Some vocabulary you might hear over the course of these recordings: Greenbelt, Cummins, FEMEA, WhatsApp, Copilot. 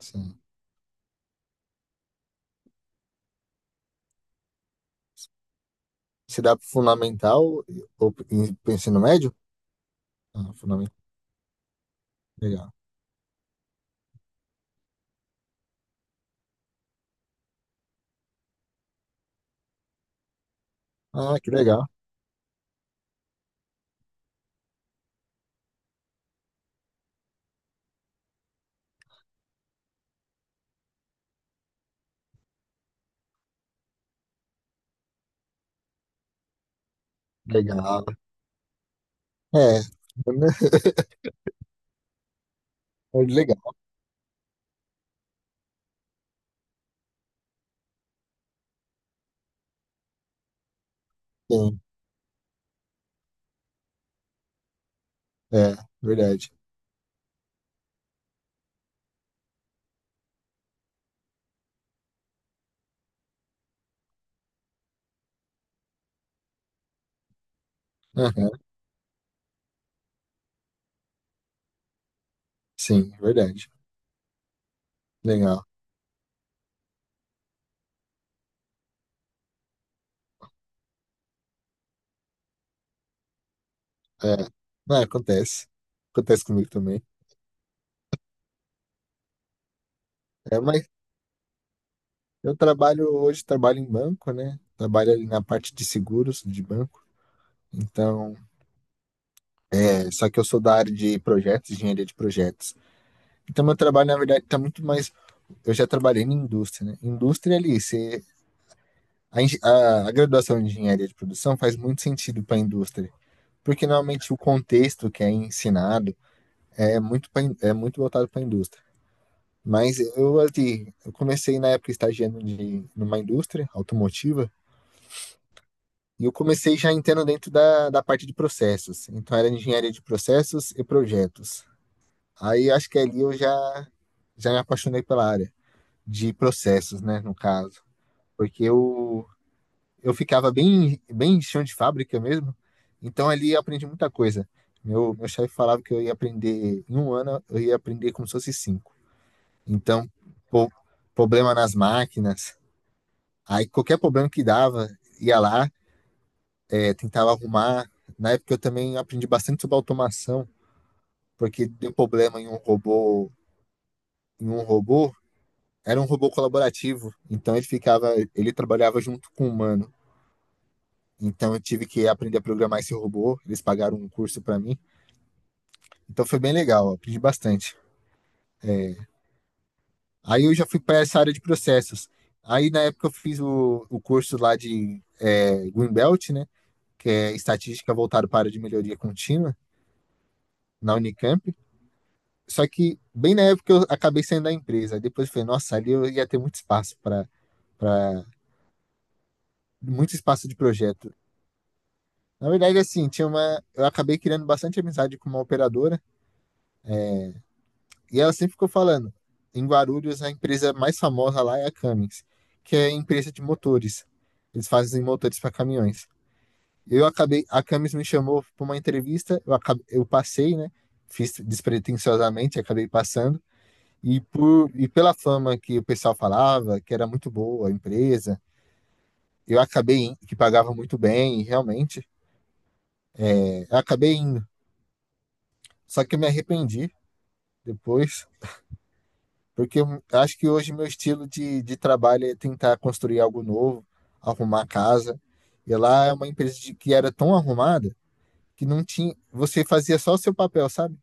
Sim. Se dá pro fundamental ou pro ensino médio? Ah, fundamental. Legal. Ah, que legal. Legal. É. É, legal. Sim. É, verdade. Aham. Sim, verdade. Legal. É. Não, acontece. Acontece comigo também. É, mas eu trabalho hoje, trabalho em banco, né? Trabalho ali na parte de seguros de banco. Então, só que eu sou da área de projetos, engenharia de projetos. Então, meu trabalho, na verdade, está muito mais eu já trabalhei na indústria, né? Indústria ali, você, a graduação de engenharia de produção faz muito sentido para a indústria, porque normalmente o contexto que é ensinado é muito, pra é muito voltado para a indústria. Mas eu, assim, eu comecei na época estagiando numa indústria automotiva, e eu comecei já entrando dentro da parte de processos. Então era engenharia de processos e projetos. Aí acho que ali eu já me apaixonei pela área de processos, né, no caso. Porque eu ficava bem, bem chão de fábrica mesmo, então ali eu aprendi muita coisa. Meu chefe falava que eu ia aprender, em um ano eu ia aprender como se fosse cinco. Então, pô, problema nas máquinas, aí qualquer problema que dava, ia lá, tentava arrumar. Na época eu também aprendi bastante sobre automação, porque deu problema em um robô, era um robô colaborativo, então ele ficava, ele trabalhava junto com o humano. Então eu tive que aprender a programar esse robô, eles pagaram um curso para mim. Então foi bem legal, aprendi bastante. Aí eu já fui para essa área de processos. Aí na época eu fiz o curso lá de Greenbelt, né? Que é estatística voltada para a área de melhoria contínua na Unicamp. Só que bem na época eu acabei saindo da empresa. Aí depois eu falei, nossa, ali eu ia ter muito espaço para muito espaço de projeto. Na verdade, assim, tinha uma. Eu acabei criando bastante amizade com uma operadora. E ela sempre ficou falando, em Guarulhos a empresa mais famosa lá é a Cummins, que é a empresa de motores. Eles fazem motores para caminhões. Eu acabei, a Cummins me chamou para uma entrevista, eu passei, né? Fiz despretensiosamente, acabei passando. E pela fama que o pessoal falava, que era muito boa a empresa, eu acabei que pagava muito bem, e realmente, eu acabei indo. Só que eu me arrependi depois, porque eu acho que hoje meu estilo de trabalho é tentar construir algo novo, arrumar a casa. E lá é uma empresa de- que era tão arrumada que não tinha, você fazia só o seu papel, sabe?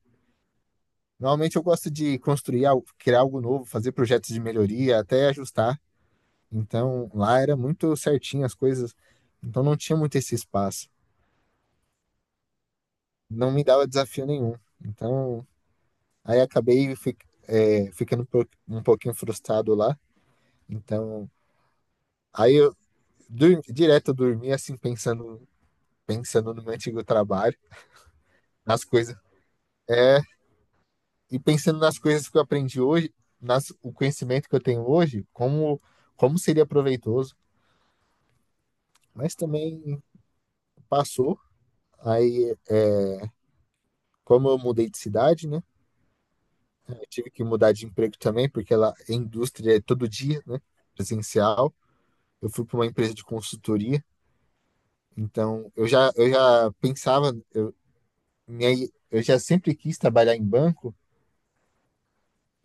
Normalmente eu gosto de construir, algo- criar algo novo, fazer projetos de melhoria, até ajustar. Então lá era muito certinho as coisas, então não tinha muito esse espaço. Não me dava desafio nenhum. Então aí acabei fi- é, ficando um po- um pouquinho frustrado lá. Então aí eu direto eu dormia assim pensando no meu antigo trabalho, nas coisas. É, e pensando nas coisas que eu aprendi hoje, nas, o conhecimento que eu tenho hoje, como, como seria proveitoso. Mas também passou. Aí, como eu mudei de cidade, né? Eu tive que mudar de emprego também, porque ela, a indústria é todo dia, né? Presencial. Eu fui para uma empresa de consultoria. Então, eu já pensava, minha, eu já sempre quis trabalhar em banco.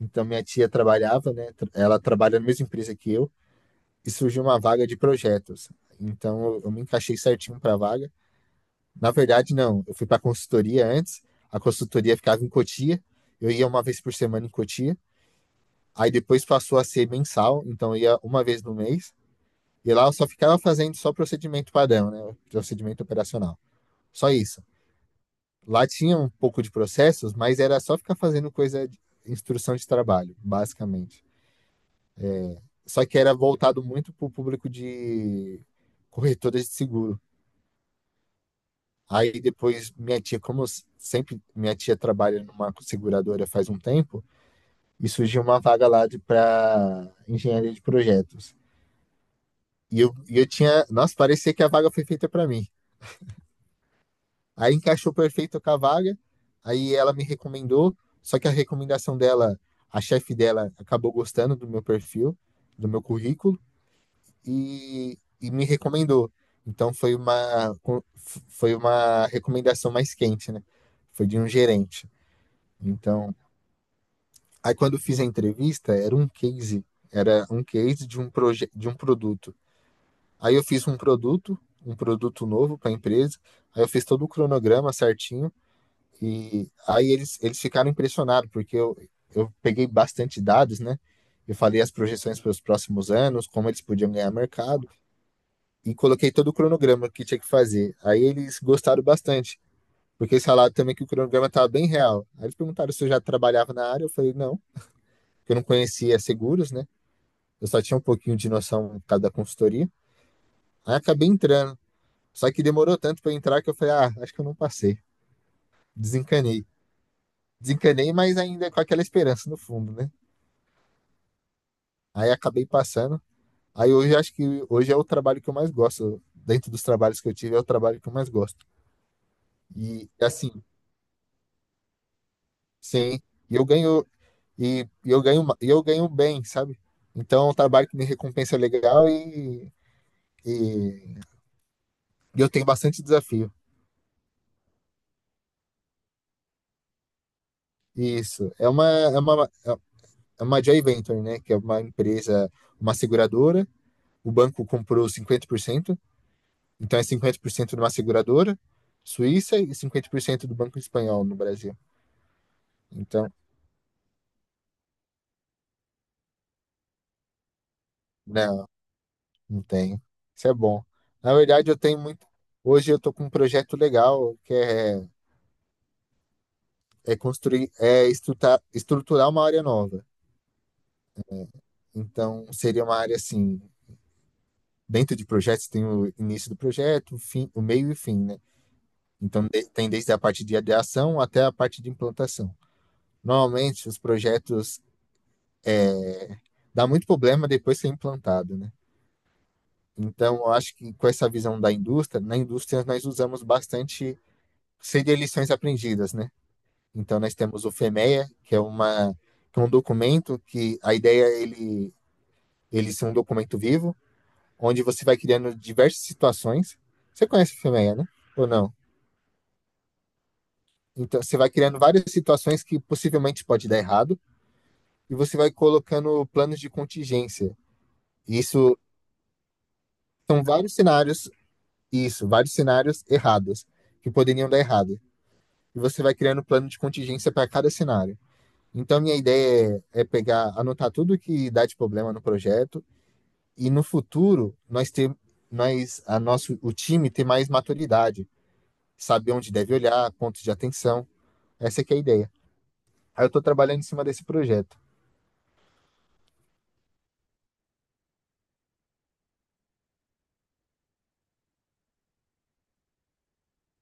Então, minha tia trabalhava, né? Ela trabalha na mesma empresa que eu, e surgiu uma vaga de projetos. Então, eu me encaixei certinho para a vaga. Na verdade, não, eu fui para a consultoria antes, a consultoria ficava em Cotia, eu ia uma vez por semana em Cotia, aí depois passou a ser mensal, então eu ia uma vez no mês, e lá eu só ficava fazendo só procedimento padrão, né? Procedimento operacional. Só isso. Lá tinha um pouco de processos, mas era só ficar fazendo coisa de instrução de trabalho, basicamente. Só que era voltado muito para o público de corretoras de seguro. Aí depois minha tia, como eu sempre minha tia trabalha numa seguradora faz um tempo, e surgiu uma vaga lá para engenharia de projetos. E eu tinha, nossa, parecia que a vaga foi feita para mim. Aí encaixou perfeito com a vaga, aí ela me recomendou, só que a recomendação dela, a chefe dela acabou gostando do meu perfil, do meu currículo e me recomendou. Então foi uma recomendação mais quente, né? Foi de um gerente. Então, aí quando eu fiz a entrevista, era um case de um proje de um produto. Aí eu fiz um produto novo para a empresa. Aí eu fiz todo o cronograma certinho e aí eles ficaram impressionados porque eu peguei bastante dados, né? Eu falei as projeções para os próximos anos, como eles podiam ganhar mercado. E coloquei todo o cronograma que tinha que fazer. Aí eles gostaram bastante, porque eles falaram também que o cronograma estava bem real. Aí eles perguntaram se eu já trabalhava na área, eu falei não, que eu não conhecia seguros, né? Eu só tinha um pouquinho de noção por causa da consultoria. Aí acabei entrando. Só que demorou tanto para entrar que eu falei, ah, acho que eu não passei. Desencanei. Desencanei, mas ainda com aquela esperança no fundo, né? Aí acabei passando. Aí hoje acho que hoje é o trabalho que eu mais gosto. Dentro dos trabalhos que eu tive, é o trabalho que eu mais gosto. E assim, sim, e eu ganho e, eu ganho, e eu ganho bem, sabe? Então, é um trabalho que me recompensa legal e, e eu tenho bastante desafio. Isso. É uma, é uma, é é uma joint venture, né? Que é uma empresa, uma seguradora. O banco comprou 50%, então é 50% de uma seguradora suíça e 50% do banco espanhol no Brasil. Então, não, não tenho. Isso é bom. Na verdade, eu tenho muito. Hoje eu tô com um projeto legal que é é construir, é estruturar, uma área nova. Então, seria uma área assim, dentro de projetos tem o início do projeto, o fim, o meio e o fim, né? Então, de- tem desde a parte de ideação até a parte de implantação. Normalmente, os projetos dá muito problema depois que é implantado, né? Então, eu acho que com essa visão da indústria, na indústria nós usamos bastante, seria lições aprendidas, né? Então, nós temos o FEMEA, que é uma que é um documento que a ideia é ele ser um documento vivo, onde você vai criando diversas situações. Você conhece o filme né? Ou não? Então, você vai criando várias situações que possivelmente pode dar errado e você vai colocando planos de contingência. Isso, são vários cenários, isso, vários cenários errados que poderiam dar errado. E você vai criando plano de contingência para cada cenário. Então, minha ideia é, é pegar, anotar tudo que dá de problema no projeto e no futuro nós ter, nós, a nosso, o time ter mais maturidade, saber onde deve olhar, pontos de atenção. Essa é que é a ideia. Aí eu estou trabalhando em cima desse projeto.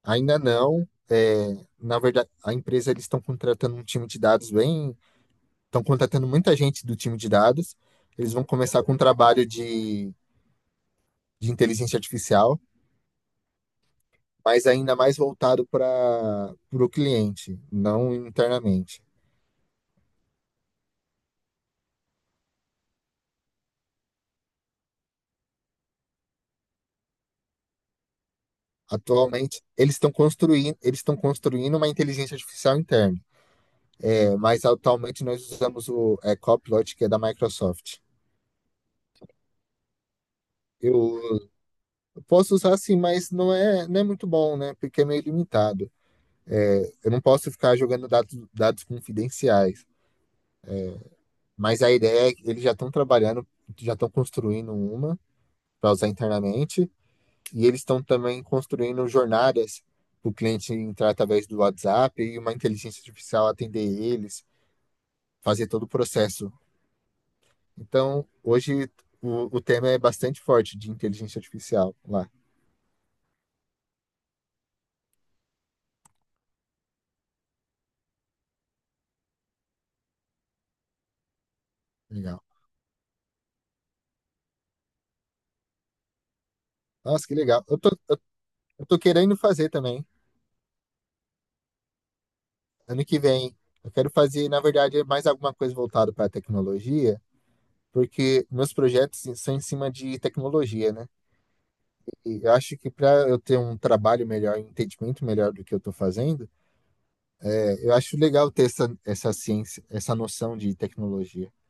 Ainda não, na verdade, a empresa eles estão contratando um time de dados bem, estão contratando muita gente do time de dados. Eles vão começar com um trabalho de inteligência artificial, mas ainda mais voltado para o cliente, não internamente. Atualmente, eles estão construindo uma inteligência artificial interna. É, mas atualmente nós usamos o Copilot, que é da Microsoft. Eu posso usar sim, mas não é muito bom, né? Porque é meio limitado. Eu não posso ficar jogando dados confidenciais. Mas a ideia é que eles já estão trabalhando, já estão construindo uma para usar internamente. E eles estão também construindo jornadas para o cliente entrar através do WhatsApp e uma inteligência artificial atender eles, fazer todo o processo. Então, hoje o tema é bastante forte de inteligência artificial lá. Legal. Nossa, que legal. Eu tô querendo fazer também. Ano que vem. Eu quero fazer, na verdade, mais alguma coisa voltada para a tecnologia, porque meus projetos são em cima de tecnologia, né? E eu acho que para eu ter um trabalho melhor, um entendimento melhor do que eu estou fazendo, eu acho legal ter essa ciência, essa noção de tecnologia.